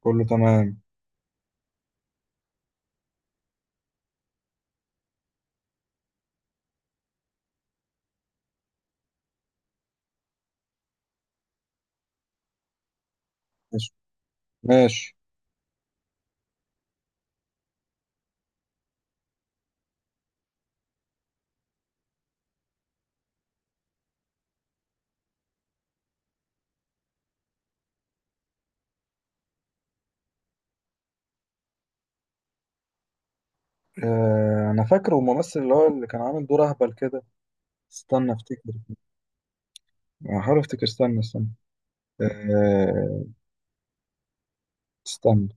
كله تمام. ماشي. ماشي. انا فاكره الممثل اللي هو اللي كان عامل دور اهبل كده. استنى افتكر. احاول افتكر. استنى استنى. آه استنى.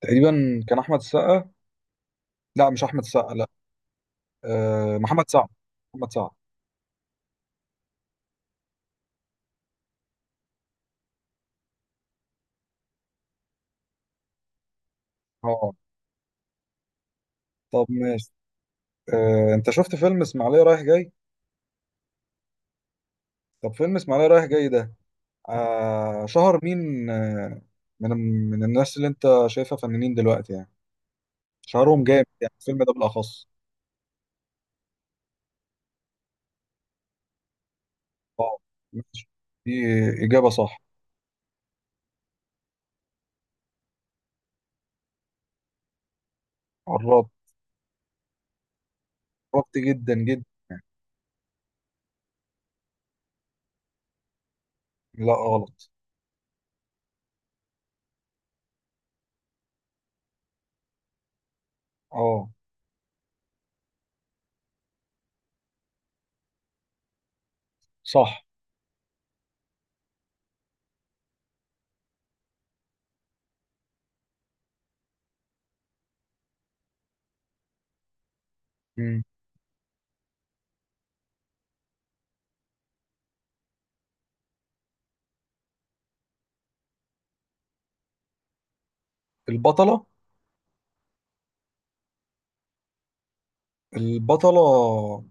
تقريبا كان احمد السقا. لا، مش احمد السقا. لا. محمد سعد. محمد سعد. اه، طب ماشي. انت شفت فيلم اسماعيليه رايح جاي؟ طب فيلم اسماعيليه رايح جاي ده، شهر مين من من الناس اللي انت شايفها فنانين دلوقتي، يعني شهرهم جامد، يعني الفيلم ده بالاخص. ماشي. دي اجابه صح. قربت. قربت جدا جدا. لا، غلط. اه، صح. مم. البطلة. البطلة.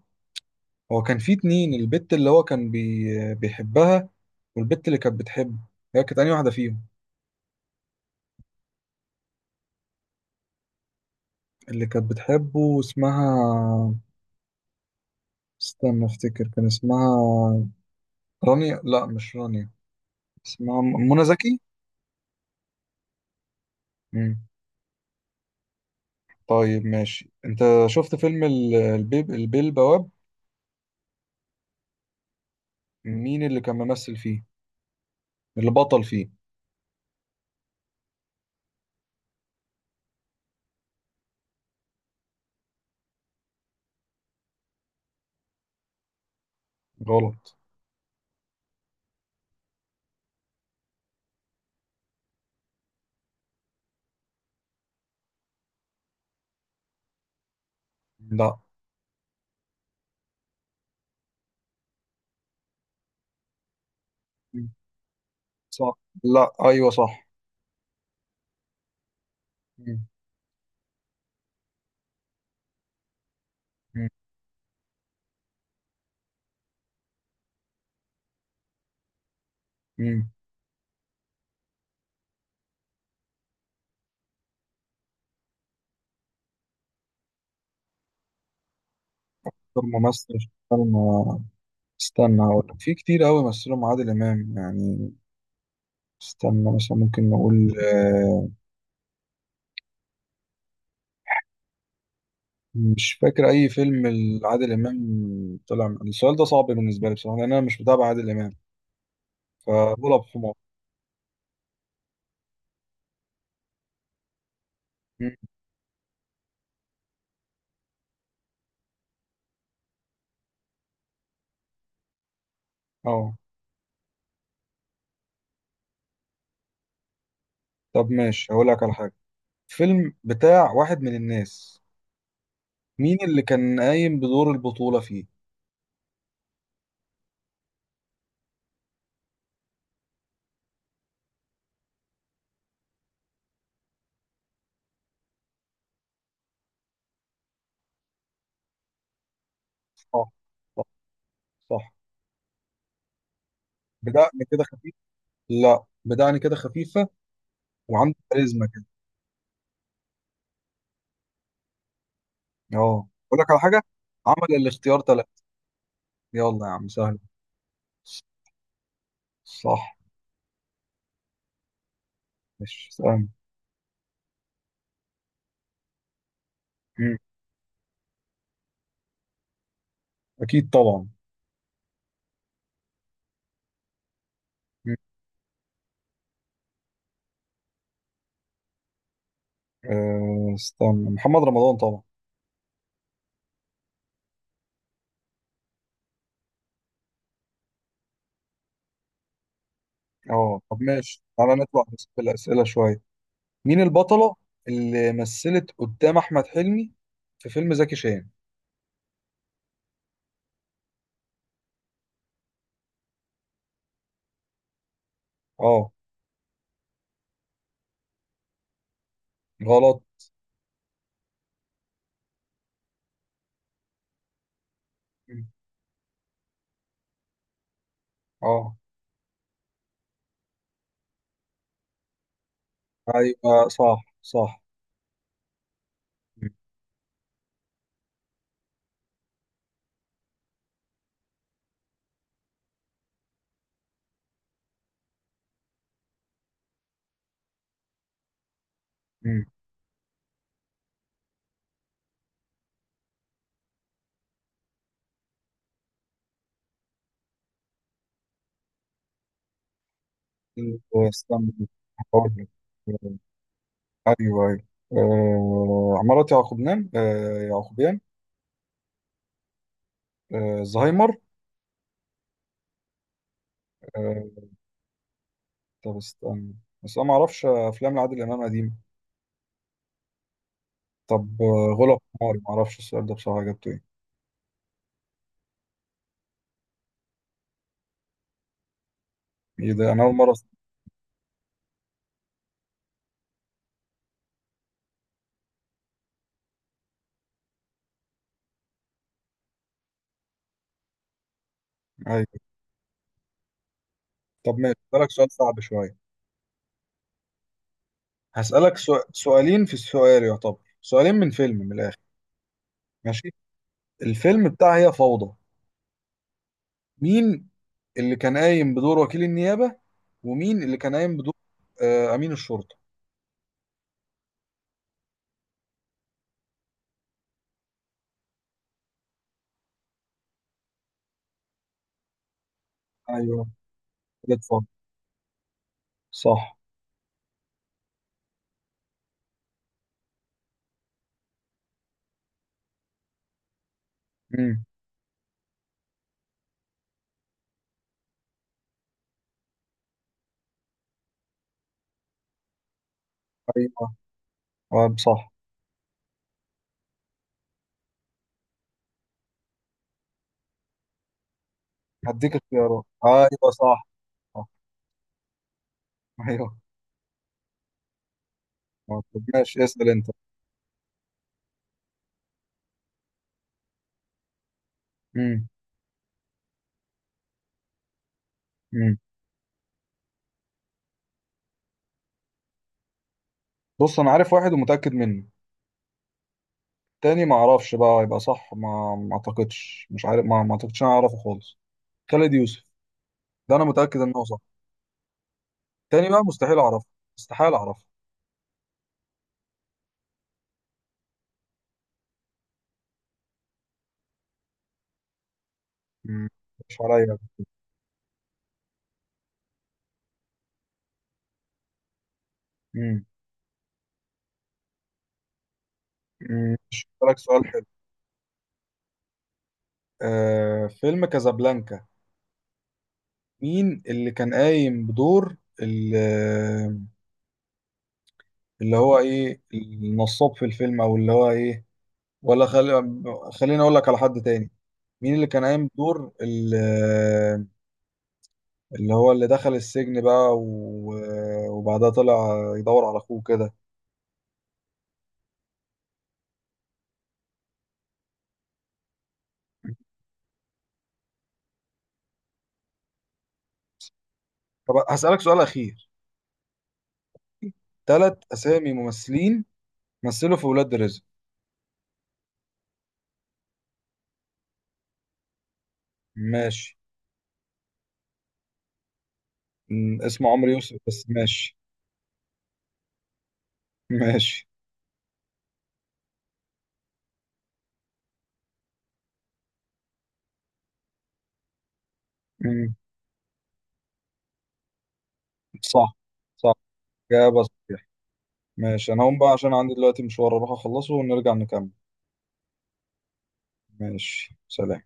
هو كان في اتنين، البت اللي هو كان بيحبها، والبت اللي كانت بتحبه، هي كانت أنهي واحدة فيهم؟ اللي كانت بتحبه اسمها، استنى افتكر، كان اسمها رانيا. لا، مش رانيا. اسمها منى زكي. مم. طيب ماشي. انت شفت فيلم ال- البيب البيه البواب؟ مين اللي كان ممثل فيه؟ اللي بطل فيه؟ غلط. لا، صح. لا، ايوه، صح. مم. مم. مم. دور ممثل؟ استنى. استنى هقول لك، في كتير قوي مثلهم عادل امام يعني. استنى، مثلا ممكن نقول، مش فاكر اي فيلم لعادل امام. السؤال ده صعب بالنسبه لي بصراحه، لان انا مش متابع عادل امام، فبقول بحمار. مم. اه. طب ماشي، هقول لك على حاجه. فيلم بتاع واحد من الناس، مين اللي كان قايم بدور البطوله فيه؟ صح. صح. صح. بدقن كده خفيف. لا، بدقن كده خفيفه. وعنده كاريزما كده. اه، اقول لك على حاجه. عمل الاختيار ثلاثة. يلا يا عم، سهل. صح. مش سهل. مم. اكيد طبعا. مم. استنى، محمد رمضان طبعا. اه، طب ماشي. تعالى نطلع بس في الاسئله شويه. مين البطله اللي مثلت قدام احمد حلمي في فيلم زكي شان؟ اه، غلط. مم. اه، ايوه، صح، صح. مم. مم. استنى هقول لك. ايوه، ايوه. عمارة يعقوبيان، يعقوبيان. زهايمر. آه طب استنى، بس انا ما اعرفش افلام لعادل امام قديمه. طب غلا قماري، ما اعرفش السؤال ده بصراحه جبته ايه. ايه ده؟ انا اول مره أسمع. ايوه. طب ماشي، هسألك سؤال صعب شويه. هسألك سؤالين في السؤال، يعتبر سؤالين من فيلم من الاخر. ماشي. الفيلم بتاع هي فوضى، مين اللي كان قايم بدور وكيل النيابه؟ ومين اللي كان قايم بدور امين الشرطه؟ ايوه، خالد صالح. صح. مم. ايوه، اه، صح. هديك اختيارات. ايوه، صح، صح. ايوه. طب ماشي، اسال انت. امم امم بص، انا عارف واحد ومتاكد منه. تاني ما اعرفش بقى، يبقى صح. ما اعتقدش، مش عارف. ما اعتقدش انا اعرفه خالص. خالد يوسف. ده انا متاكد انه صح. تاني بقى مستحيل اعرفه. مستحيل اعرفه. امم مش عليا. امم امم لك سؤال حلو. فيلم كازابلانكا. مين اللي كان قايم بدور ال- اللي هو ايه النصاب في الفيلم؟ او اللي هو ايه؟ ولا خلي، خليني اقول لك على حد تاني. مين اللي كان قايم بدور اللي هو اللي دخل السجن بقى وبعدها طلع يدور على اخوه كده؟ طب هسألك سؤال اخير. ثلاث اسامي ممثلين مثلوا في ولاد رزق. ماشي. اسمه عمرو يوسف بس. ماشي. ماشي. م، صح، صح. إجابة صحيحة. ماشي، انا هقوم بقى عشان عندي دلوقتي مشوار اروح اخلصه ونرجع نكمل. ماشي، سلام.